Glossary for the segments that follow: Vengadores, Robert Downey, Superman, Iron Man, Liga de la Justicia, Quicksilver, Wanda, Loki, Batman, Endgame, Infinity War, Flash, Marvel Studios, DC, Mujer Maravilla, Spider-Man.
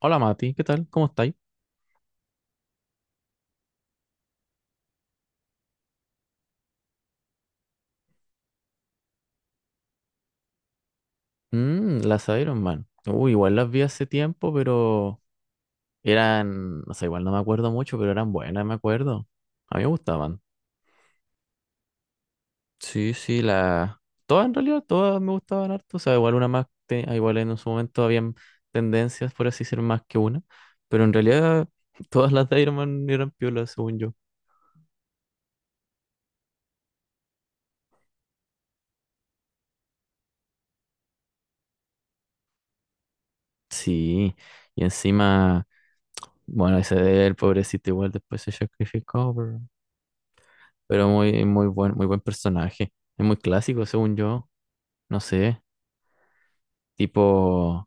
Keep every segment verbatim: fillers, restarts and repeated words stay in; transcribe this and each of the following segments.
Hola Mati, ¿qué tal? ¿Cómo estáis? Mm, las Iron Man. Uy, igual las vi hace tiempo, pero eran, no sé, igual no me acuerdo mucho, pero eran buenas, me acuerdo. A mí me gustaban. Sí, sí, las... Todas en realidad, todas me gustaban harto. O sea, igual una más, te- ah, igual en su momento habían tendencias, por así ser más que una. Pero en realidad todas las de Iron Man eran piolas, según yo. Sí, y encima, bueno, ese de él, pobrecito, igual después se sacrificó, pero muy, muy buen, muy buen personaje. Es muy clásico, según yo. No sé, tipo,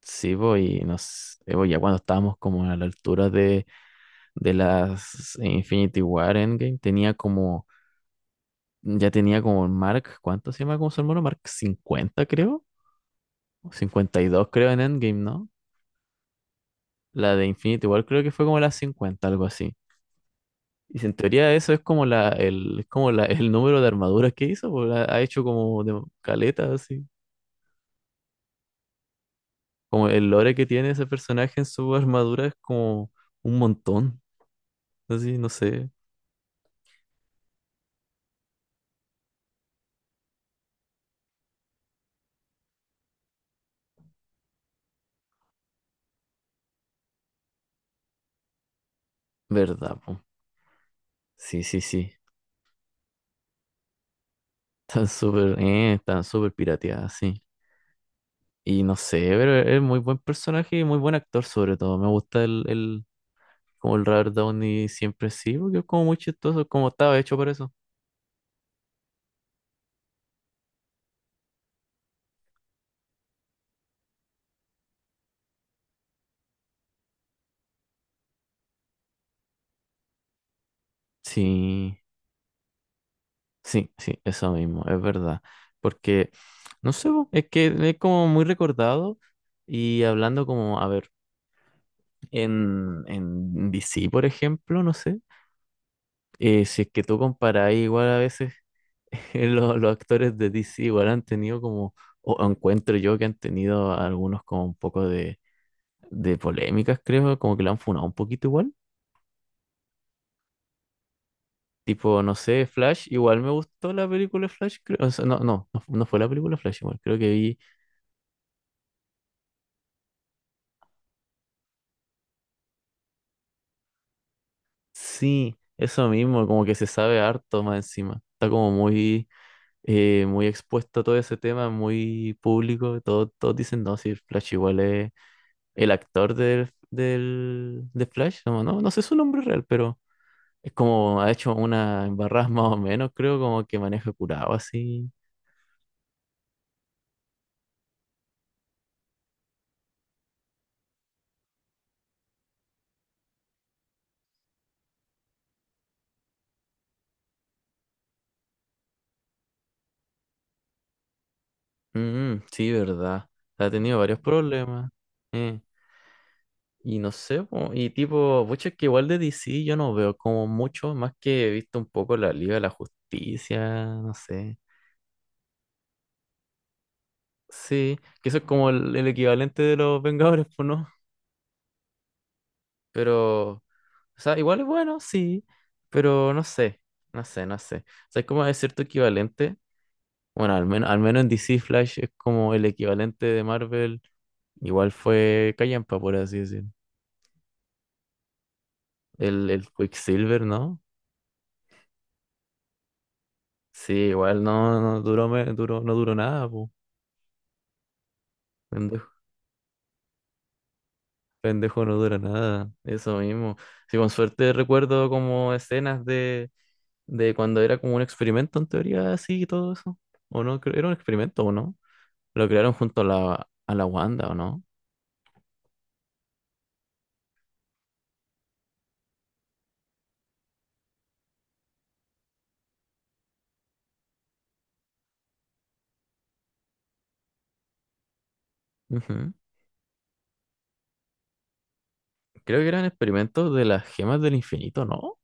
sí, po, y nos, eh, po, ya cuando estábamos como a la altura de, de las Infinity War Endgame, tenía como, ya tenía como el Mark, ¿cuánto se llama como su hermano? Mark cincuenta creo, o cincuenta y dos creo, en Endgame, ¿no? La de Infinity War creo que fue como la cincuenta algo así. Y si en teoría eso es como la, el, es como la, el número de armaduras que hizo, po, la- ha hecho como de caleta, así. Como el lore que tiene ese personaje en su armadura es como un montón. Así, no sé. ¿Verdad, po? Sí, sí, sí. Están súper, eh, están súper pirateadas, sí. Y no sé, pero e, es muy buen personaje y muy buen actor sobre todo. Me gusta el, el, como el Robert Downey siempre sí, porque es como muy chistoso, como estaba hecho para eso. Sí, sí, sí, eso mismo, es verdad. Porque, no sé, po, es que es como muy recordado y hablando como, a ver. En, en D C, por ejemplo, no sé. Eh, si es que tú comparas igual a veces los, los actores de D C igual han tenido como, o encuentro yo que han tenido algunos como un poco de, de polémicas, creo, como que la han funado un poquito igual. Tipo, no sé, Flash, igual me gustó la película Flash, creo, o sea, no, no, no fu- no fue la película Flash, igual, creo que vi, sí, eso mismo, como que se sabe harto más encima, está como muy eh, muy expuesto a todo ese tema, muy público. Todos, todos dicen, no, si Flash igual es el actor del, del, de Flash, como, no, no sé su nombre real, pero es como ha hecho una embarrada más o menos, creo, como que maneja curado así. Mm, sí, verdad. Ha tenido varios problemas. eh, Y no sé, po, y tipo, pucha, es que igual de D C yo no veo como mucho, más que he visto un poco la Liga de la Justicia, no sé. Sí, que eso es como el, el equivalente de los Vengadores, pues no. Pero, o sea, igual es bueno, sí, pero no sé, no sé, no sé. O sea, es como de cierto equivalente. Bueno, al menos, al menos en D C Flash es como el equivalente de Marvel. Igual fue Callampa, por así decirlo. El, el Quicksilver, ¿no? Sí, igual no, no duró, me- duró, no duró nada, pues. Pendejo no dura nada, eso mismo. Sí, con suerte recuerdo como escenas de, de cuando era como un experimento en teoría, así y todo eso. ¿O no? Creo- Era un experimento, ¿o no? Lo crearon junto a la, a la Wanda, ¿o no? Ujú. Creo que eran experimentos de las gemas del infinito, ¿no?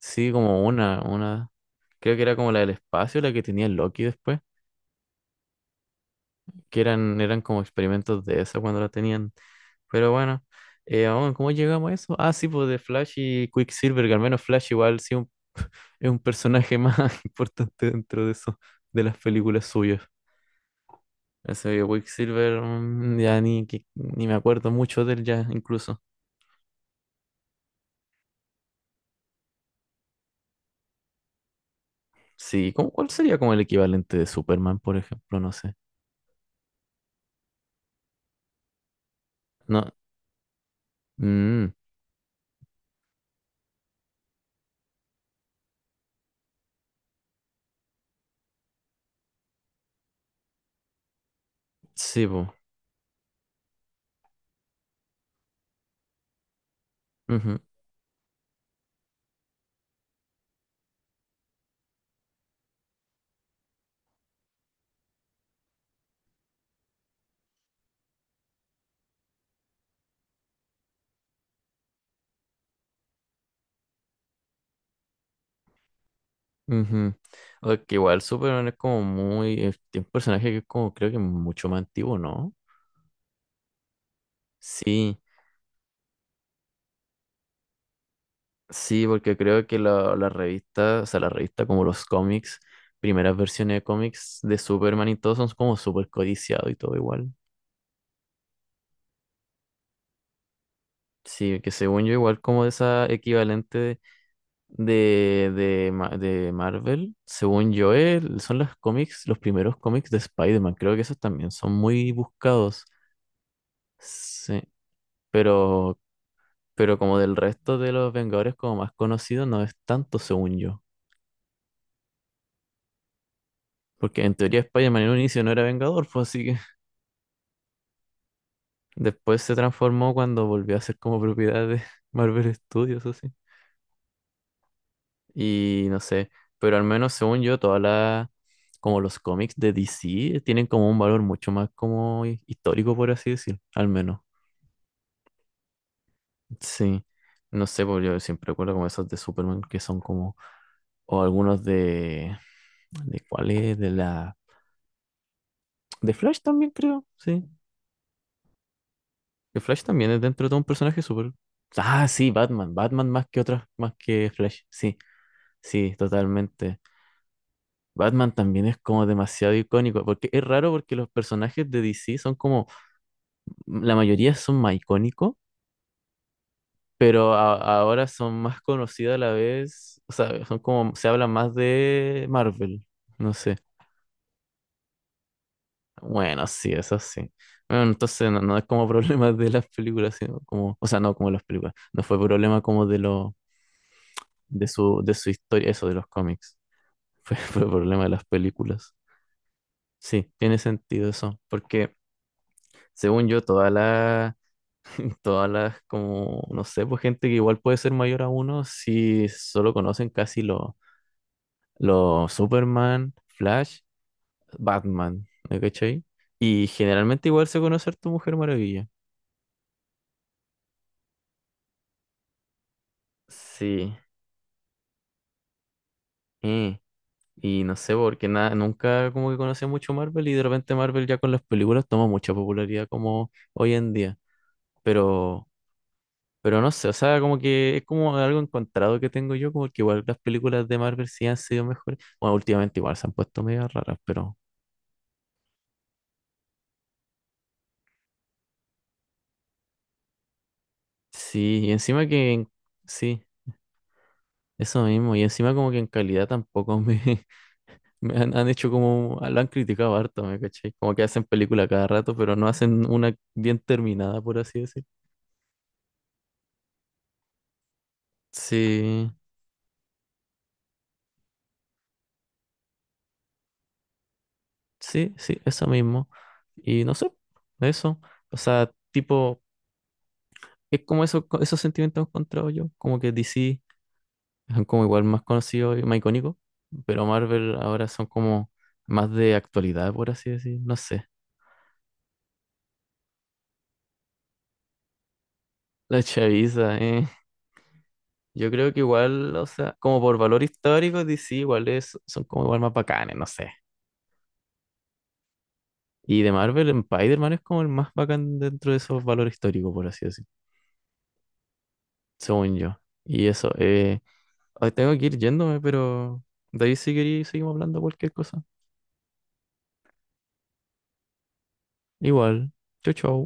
Sí, como una, una. Creo que era como la del espacio, la que tenía Loki después. Que eran, eran como experimentos de esa cuando la tenían. Pero bueno, eh, aún, ¿cómo llegamos a eso? Ah, sí, pues de Flash y Quicksilver, que al menos Flash igual sí un- es un personaje más importante dentro de eso, de las películas suyas. Ese de Quicksilver, mm, ya ni, que- ni me acuerdo mucho de él ya, incluso. Sí, ¿cómo- ¿cuál sería como el equivalente de Superman, por ejemplo? No sé. No, mm, sí, pues. Ujú, ujú. O que igual Superman es como muy, es un personaje que es como, creo que mucho más antiguo, ¿no? Sí. Sí, porque creo que la, la revista, o sea, la revista como los cómics, primeras versiones de cómics de Superman y todo son como súper codiciados y todo igual. Sí, que según yo igual como esa equivalente de, de, Ma- de Marvel, según yo el- son los cómics, los primeros cómics de Spider-Man, creo que esos también son muy buscados. Sí, pero, pero como del resto de los Vengadores como más conocidos no es tanto según yo. Porque en teoría Spider-Man en un inicio no era Vengador, pues así. Después se transformó cuando volvió a ser como propiedad de Marvel Studios, así. Y no sé, pero al menos según yo, todas las, como los cómics de D C tienen como un valor mucho más como hi- histórico, por así decir, al menos. Sí, no sé, porque yo siempre recuerdo como esos de Superman que son como, o algunos de, ¿de cuál es? De la, de Flash también creo, sí. Que Flash también es dentro de todo un personaje súper... Ah, sí, Batman, Batman más que otras, más que Flash, sí. Sí, totalmente. Batman también es como demasiado icónico, porque es raro porque los personajes de D C son como, mm, la mayoría son más icónicos, pero a- ahora son más conocidos a la vez, o sea, son como, se habla más de Marvel, no sé. Bueno, sí, eso sí. Bueno, entonces no, no es como problema de las películas, sino como, o sea, no como las películas, no fue problema como de lo, de su, de su historia, eso de los cómics, fue, fue problema de las películas. Sí, tiene sentido eso, porque según yo, todas las, todas las, como, no sé, pues gente que igual puede ser mayor a uno, si solo conocen casi los los Superman, Flash, Batman, ¿me cachai? Y generalmente igual se conoce a tu Mujer Maravilla. Sí, eh, Y no sé, porque nada, nunca como que conocí mucho Marvel y de repente Marvel ya con las películas toma mucha popularidad como hoy en día. Pero Pero no sé, o sea, como que es como algo encontrado que tengo yo, como que igual las películas de Marvel sí han sido mejores. Bueno, últimamente igual se han puesto medio raras, pero sí, y encima que, en- sí, eso mismo, y encima como que en calidad tampoco me, me han, han hecho como, lo han criticado harto, ¿me caché? Como que hacen película cada rato, pero no hacen una bien terminada, por así decir. Sí, sí, sí, eso mismo. Y no sé, eso, o sea, tipo, es como eso, esos sentimientos encontrados yo, como que D C son como igual más conocidos y más icónicos, pero Marvel ahora son como más de actualidad, por así decir, no sé. La chaviza, eh. Yo creo que igual, o sea, como por valor histórico, D C igual es- son como igual más bacanes, no sé. Y de Marvel, Spider-Man es como el más bacán dentro de esos valores históricos, por así decir, según yo. Y eso, eh, ay, tengo que ir yéndome, pero de ahí si queréis seguimos hablando cualquier cosa. Igual, chau chau.